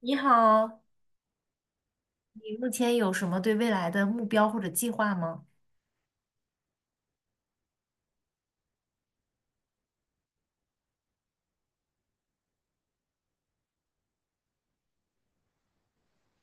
你好，你目前有什么对未来的目标或者计划吗？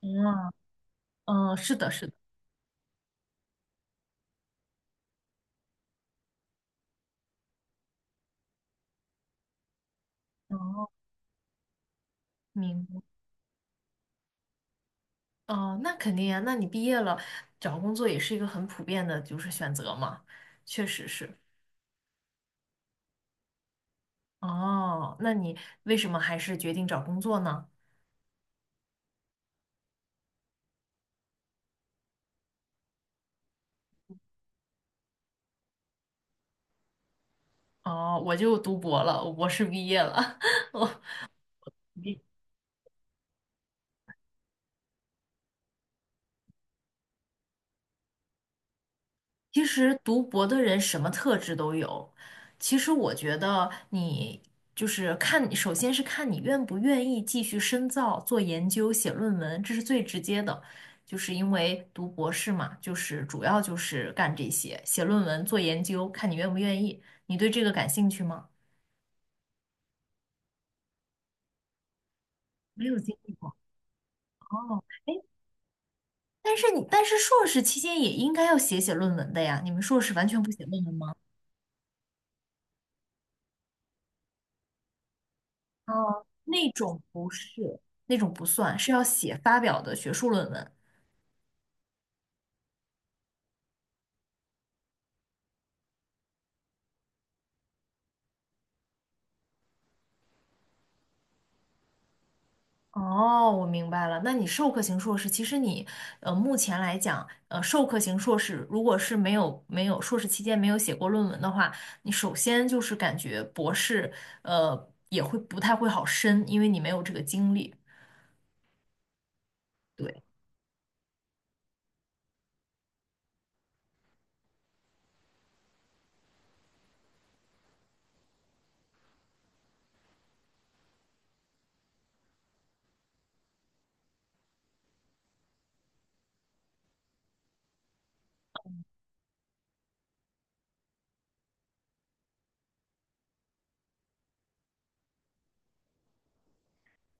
嗯嗯，是的，是的。哦，明白。哦，那肯定呀，那你毕业了，找工作也是一个很普遍的，就是选择嘛，确实是。哦，那你为什么还是决定找工作呢？哦，我就读博了，我博士毕业了。其实读博的人什么特质都有。其实我觉得你就是看，首先是看你愿不愿意继续深造、做研究、写论文，这是最直接的。就是因为读博士嘛，就是主要就是干这些，写论文、做研究，看你愿不愿意。你对这个感兴趣吗？没有经历过。哦，哎，但是硕士期间也应该要写写论文的呀，你们硕士完全不写论文吗？哦，那种不是，那种不算，是要写发表的学术论文。哦，我明白了。那你授课型硕士，其实你目前来讲，授课型硕士如果是没有硕士期间没有写过论文的话，你首先就是感觉博士也会不太会好申，因为你没有这个经历。对。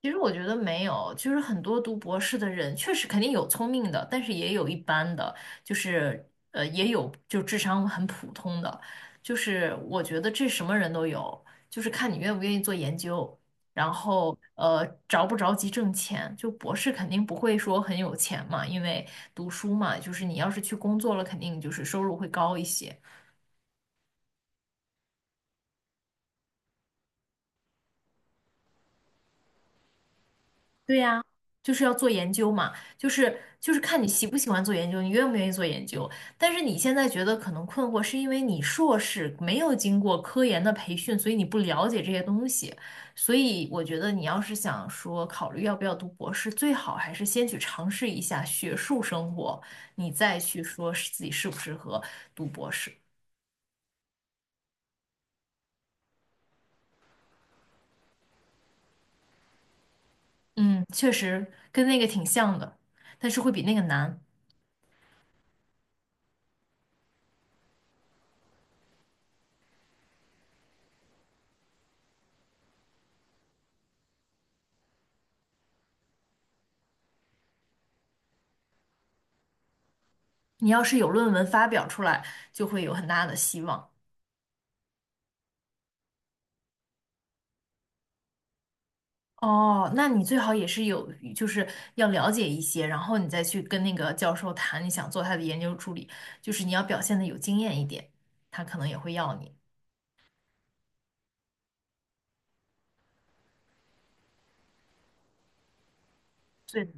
其实我觉得没有，就是很多读博士的人，确实肯定有聪明的，但是也有一般的，就是也有就智商很普通的，就是我觉得这什么人都有，就是看你愿不愿意做研究，然后着不着急挣钱，就博士肯定不会说很有钱嘛，因为读书嘛，就是你要是去工作了，肯定就是收入会高一些，对呀，就是要做研究嘛，就是看你喜不喜欢做研究，你愿不愿意做研究。但是你现在觉得可能困惑，是因为你硕士没有经过科研的培训，所以你不了解这些东西。所以我觉得你要是想说考虑要不要读博士，最好还是先去尝试一下学术生活，你再去说是自己适不适合读博士。嗯，确实跟那个挺像的，但是会比那个难。你要是有论文发表出来，就会有很大的希望。哦，那你最好也是有，就是要了解一些，然后你再去跟那个教授谈你想做他的研究助理，就是你要表现的有经验一点，他可能也会要你。对的。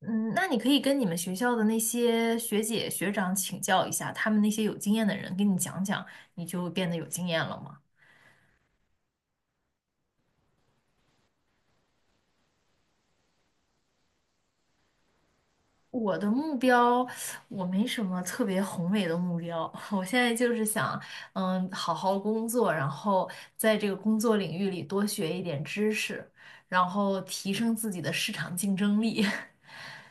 嗯，那你可以跟你们学校的那些学姐学长请教一下，他们那些有经验的人给你讲讲，你就变得有经验了嘛。我的目标，我没什么特别宏伟的目标。我现在就是想，好好工作，然后在这个工作领域里多学一点知识，然后提升自己的市场竞争力，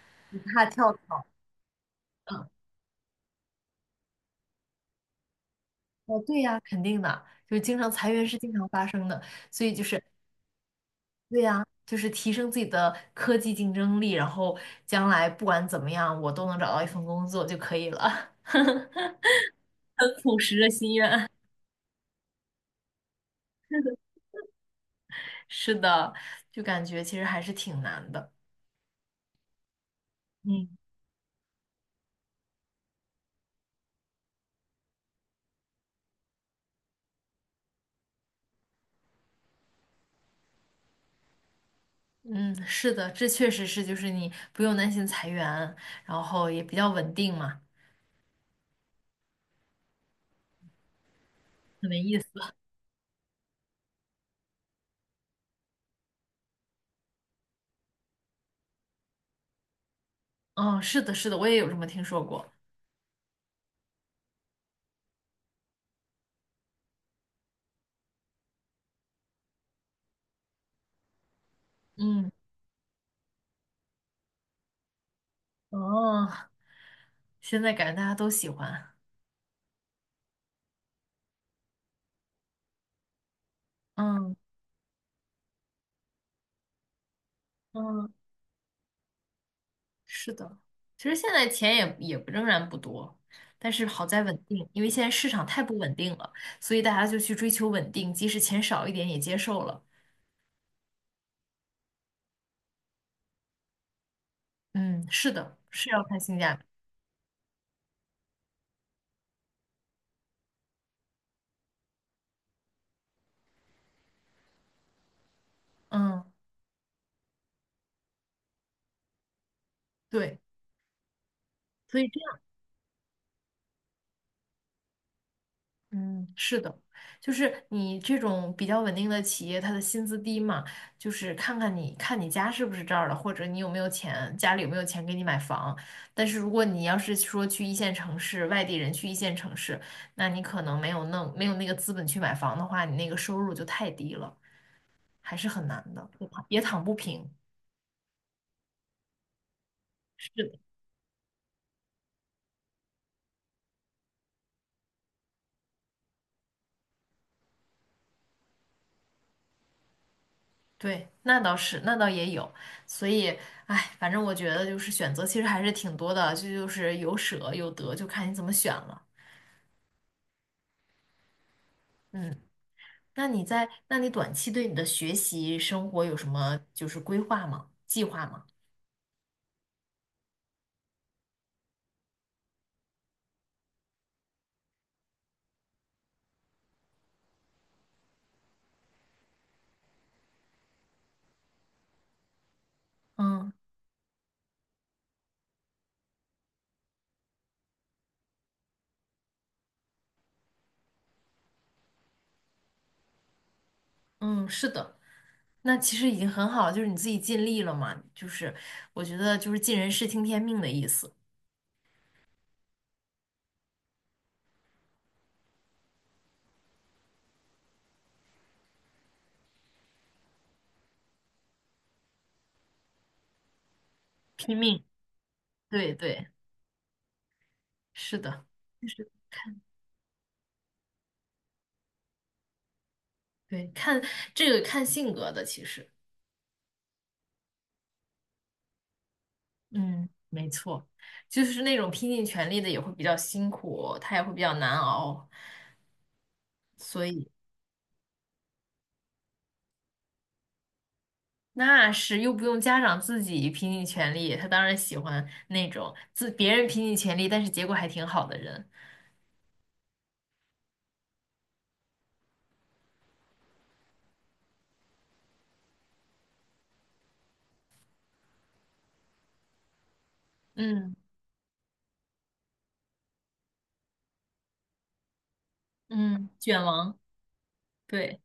不怕跳槽。嗯，哦，对呀，就是经常裁员是经常发生的，所以就是对呀，就是提升自己的科技竞争力，然后将来不管怎么样，我都能找到一份工作就可以了。很朴实的心愿。是的，就感觉其实还是挺难的。嗯，嗯，是的，这确实是，就是你不用担心裁员，然后也比较稳定嘛，很没意思。嗯，是的，是的，我也有这么听说过。嗯，哦，现在感觉大家都喜欢。嗯嗯，是的，其实现在钱也仍然不多，但是好在稳定，因为现在市场太不稳定了，所以大家就去追求稳定，即使钱少一点也接受了。嗯，是的，是要看性价比。嗯，对。所以这样，嗯，是的，就是你这种比较稳定的企业，它的薪资低嘛，就是看你家是不是这儿的，或者你有没有钱，家里有没有钱给你买房。但是如果你要是说去一线城市，外地人去一线城市，那你可能没有那个资本去买房的话，你那个收入就太低了，还是很难的，也躺不平。是，对，那倒是，那倒也有，所以，哎，反正我觉得就是选择其实还是挺多的，这就是有舍有得，就看你怎么选了。嗯，那你短期对你的学习生活有什么就是规划吗？计划吗？嗯嗯，是的，那其实已经很好了就是你自己尽力了嘛，就是我觉得就是尽人事听天命的意思，拼命。对对，是的，就是对，看这个看性格的，其实。嗯，没错，就是那种拼尽全力的也会比较辛苦，他也会比较难熬，所以那是又不用家长自己拼尽全力，他当然喜欢那种自别人拼尽全力，但是结果还挺好的人。嗯嗯，卷王，对。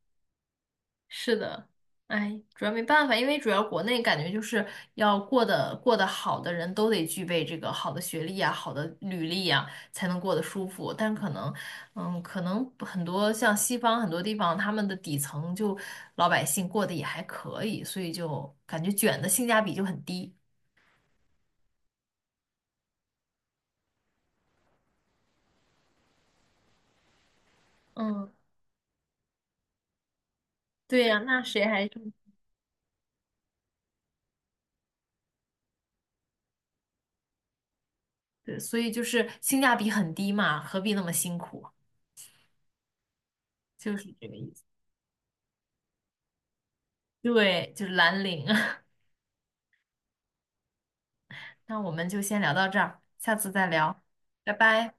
是的，哎，主要没办法，因为主要国内感觉就是要过得好的人都得具备这个好的学历啊、好的履历啊，才能过得舒服。但可能，可能很多像西方很多地方，他们的底层就老百姓过得也还可以，所以就感觉卷的性价比就很低。嗯，对呀，那谁还对，所以就是性价比很低嘛，何必那么辛苦？就是这个意思。对，就是蓝领。那我们就先聊到这儿，下次再聊，拜拜。